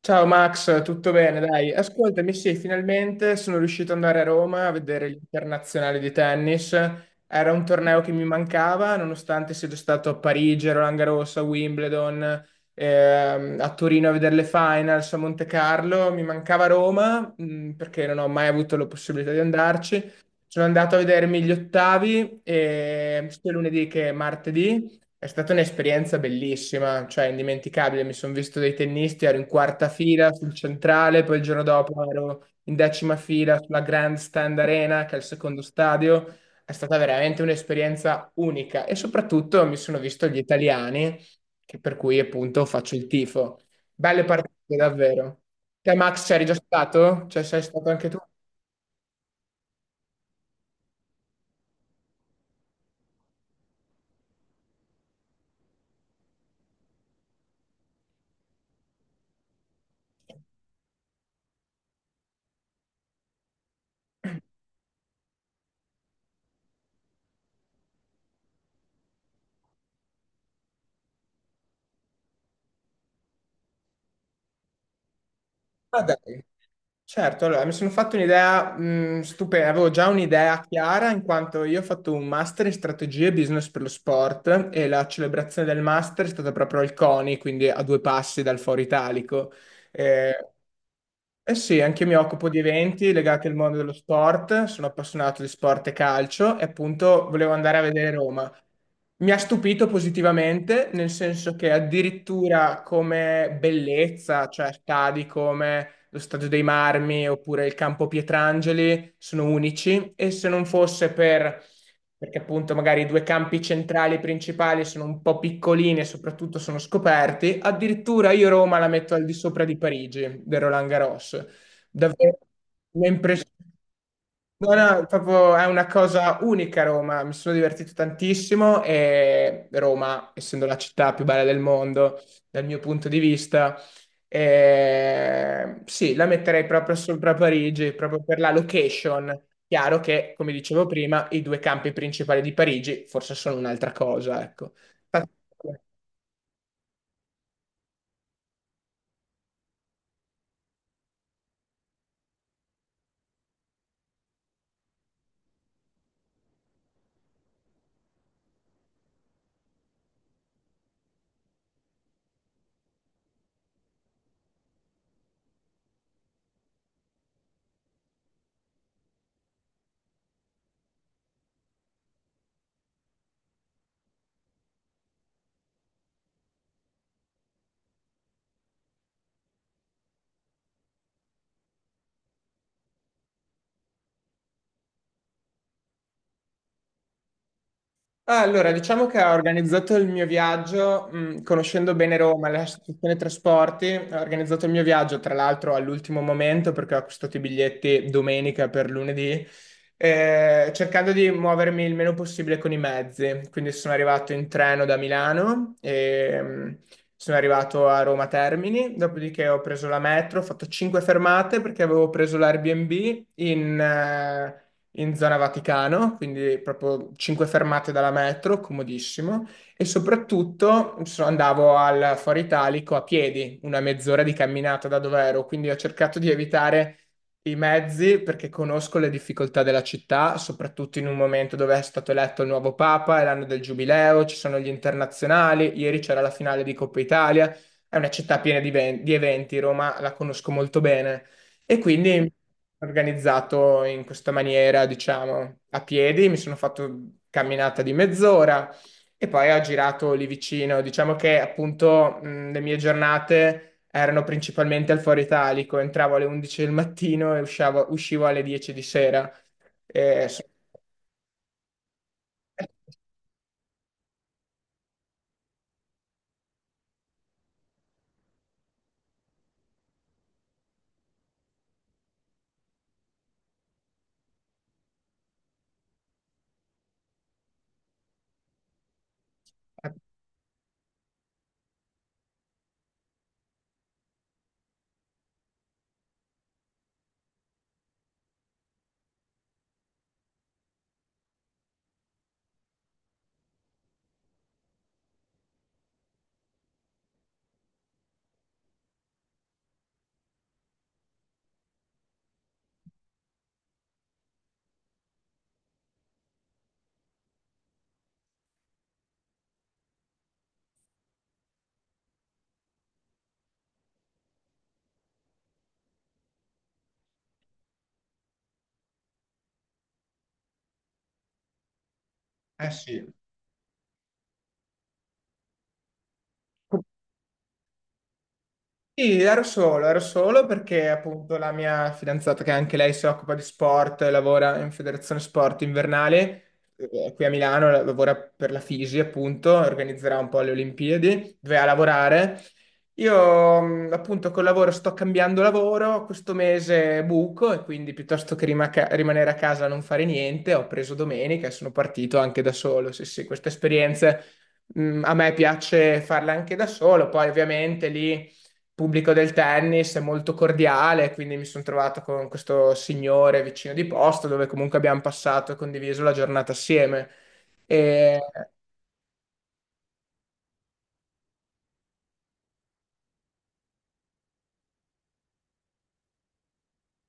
Ciao Max, tutto bene? Dai, ascoltami, sì, finalmente sono riuscito ad andare a Roma a vedere l'internazionale di tennis. Era un torneo che mi mancava, nonostante sia già stato a Parigi, a Roland Garros, a Wimbledon, a Torino a vedere le finals, a Monte Carlo. Mi mancava Roma, perché non ho mai avuto la possibilità di andarci. Sono andato a vedermi gli ottavi, sia lunedì che martedì, è stata un'esperienza bellissima, cioè indimenticabile. Mi sono visto dei tennisti, ero in quarta fila sul centrale, poi il giorno dopo ero in 10ª fila sulla Grandstand Arena, che è il secondo stadio. È stata veramente un'esperienza unica e soprattutto mi sono visto gli italiani, che per cui appunto faccio il tifo. Belle partite, davvero. Te, Max, c'eri già stato? Cioè, sei stato anche tu? Ah, dai. Certo, allora mi sono fatto un'idea stupenda, avevo già un'idea chiara in quanto io ho fatto un master in strategie e business per lo sport e la celebrazione del master è stata proprio al CONI, quindi a due passi dal Foro Italico. Mm. Eh sì, anche io mi occupo di eventi legati al mondo dello sport, sono appassionato di sport e calcio e appunto volevo andare a vedere Roma. Mi ha stupito positivamente, nel senso che addirittura come bellezza, cioè stadi come lo Stadio dei Marmi oppure il Campo Pietrangeli sono unici e se non fosse perché appunto magari i due campi centrali principali sono un po' piccolini e soprattutto sono scoperti. Addirittura io Roma la metto al di sopra di Parigi, del Roland Garros. Davvero, mi ha impressionato. No, no, proprio è una cosa unica Roma, mi sono divertito tantissimo e Roma, essendo la città più bella del mondo, dal mio punto di vista, sì, la metterei proprio sopra Parigi, proprio per la location. Chiaro che, come dicevo prima, i due campi principali di Parigi forse sono un'altra cosa, ecco. Ah, allora, diciamo che ho organizzato il mio viaggio, conoscendo bene Roma, la stazione trasporti, ho organizzato il mio viaggio, tra l'altro all'ultimo momento perché ho acquistato i biglietti domenica per lunedì, cercando di muovermi il meno possibile con i mezzi. Quindi sono arrivato in treno da Milano e sono arrivato a Roma Termini, dopodiché ho preso la metro, ho fatto 5 fermate perché avevo preso l'Airbnb in zona Vaticano, quindi proprio cinque fermate dalla metro, comodissimo. E soprattutto andavo al Foro Italico a piedi, una mezz'ora di camminata da dove ero, quindi ho cercato di evitare i mezzi perché conosco le difficoltà della città, soprattutto in un momento dove è stato eletto il nuovo Papa, è l'anno del Giubileo, ci sono gli internazionali, ieri c'era la finale di Coppa Italia. È una città piena di eventi, Roma la conosco molto bene e quindi mi sono organizzato in questa maniera, diciamo, a piedi, mi sono fatto camminata di mezz'ora e poi ho girato lì vicino. Diciamo che appunto le mie giornate erano principalmente al Foro Italico, entravo alle 11 del mattino e uscivo alle 10 di sera. Eh, so- eh, sì. Sì, ero solo perché appunto la mia fidanzata, che anche lei si occupa di sport, lavora in Federazione Sport Invernale, qui a Milano, lavora per la Fisi appunto, organizzerà un po' le Olimpiadi, dove a lavorare. Io appunto col lavoro sto cambiando lavoro, questo mese buco e quindi piuttosto che rimanere a casa a non fare niente, ho preso domenica e sono partito anche da solo. Sì, sì, queste esperienze a me piace farle anche da solo, poi ovviamente lì pubblico del tennis è molto cordiale, quindi mi sono trovato con questo signore vicino di posto dove comunque abbiamo passato e condiviso la giornata assieme. E,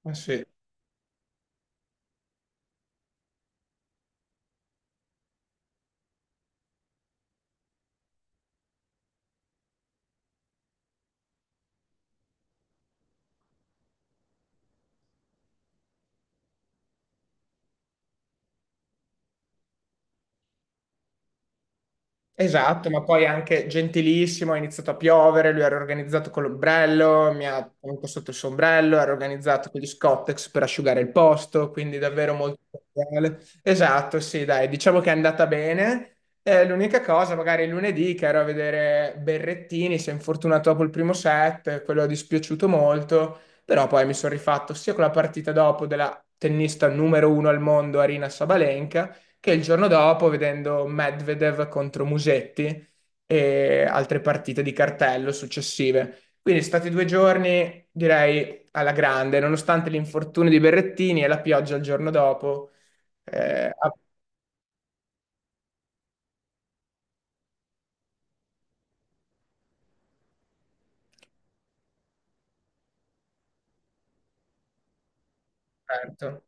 eh, sì. Esatto, ma poi anche gentilissimo, ha iniziato a piovere, lui era organizzato con l'ombrello, mi ha tenuto sotto il sombrello, era organizzato con gli Scottex per asciugare il posto, quindi davvero molto cordiale. Esatto, sì, dai, diciamo che è andata bene. L'unica cosa, magari lunedì che ero a vedere Berrettini, si è infortunato dopo il primo set, quello è dispiaciuto molto, però poi mi sono rifatto sia con la partita dopo della tennista numero uno al mondo, Arina Sabalenka, che il giorno dopo, vedendo Medvedev contro Musetti e altre partite di cartello successive. Quindi sono stati 2 giorni, direi, alla grande, nonostante l'infortunio di Berrettini e la pioggia il giorno dopo. Ha aperto.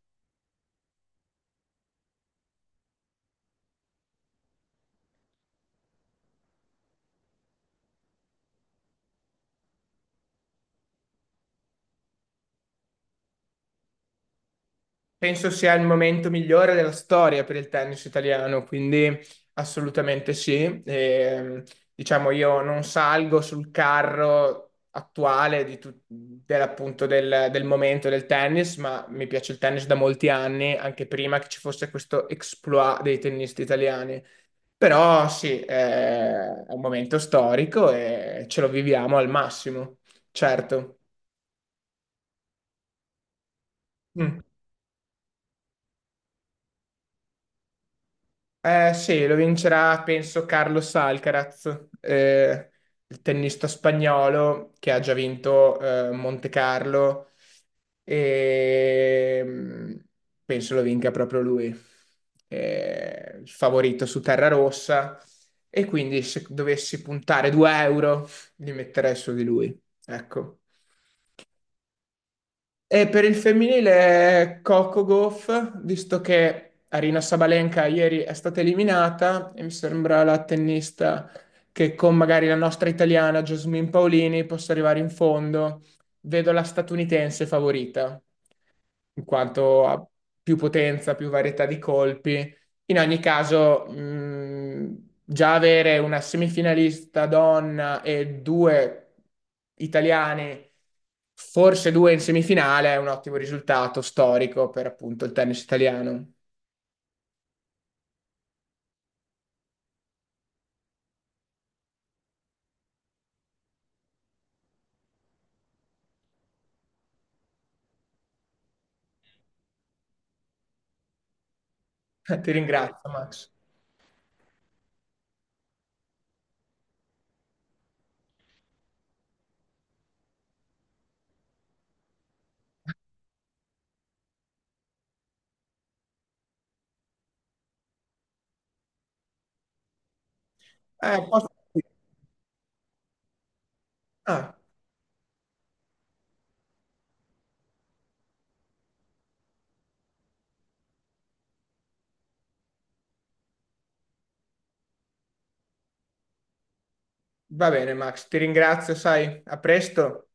Penso sia il momento migliore della storia per il tennis italiano, quindi assolutamente sì. E, diciamo, io non salgo sul carro attuale di appunto del momento del tennis, ma mi piace il tennis da molti anni, anche prima che ci fosse questo exploit dei tennisti italiani. Però sì, è un momento storico e ce lo viviamo al massimo, certo. Mm. Eh sì, lo vincerà penso Carlos Alcaraz, il tennista spagnolo che ha già vinto Monte Carlo e penso lo vinca proprio lui, il favorito su terra rossa e quindi se dovessi puntare 2 euro li metterei su di lui, ecco. E per il femminile è Coco Gauff, visto che Arina Sabalenka ieri è stata eliminata e mi sembra la tennista che con magari la nostra italiana Jasmine Paolini possa arrivare in fondo. Vedo la statunitense favorita in quanto ha più potenza, più varietà di colpi. In ogni caso, già avere una semifinalista donna e due italiani, forse due in semifinale, è un ottimo risultato storico per appunto il tennis italiano. Ti ringrazio, Max. Eh, posso- Ah, va bene, Max, ti ringrazio, sai, a presto.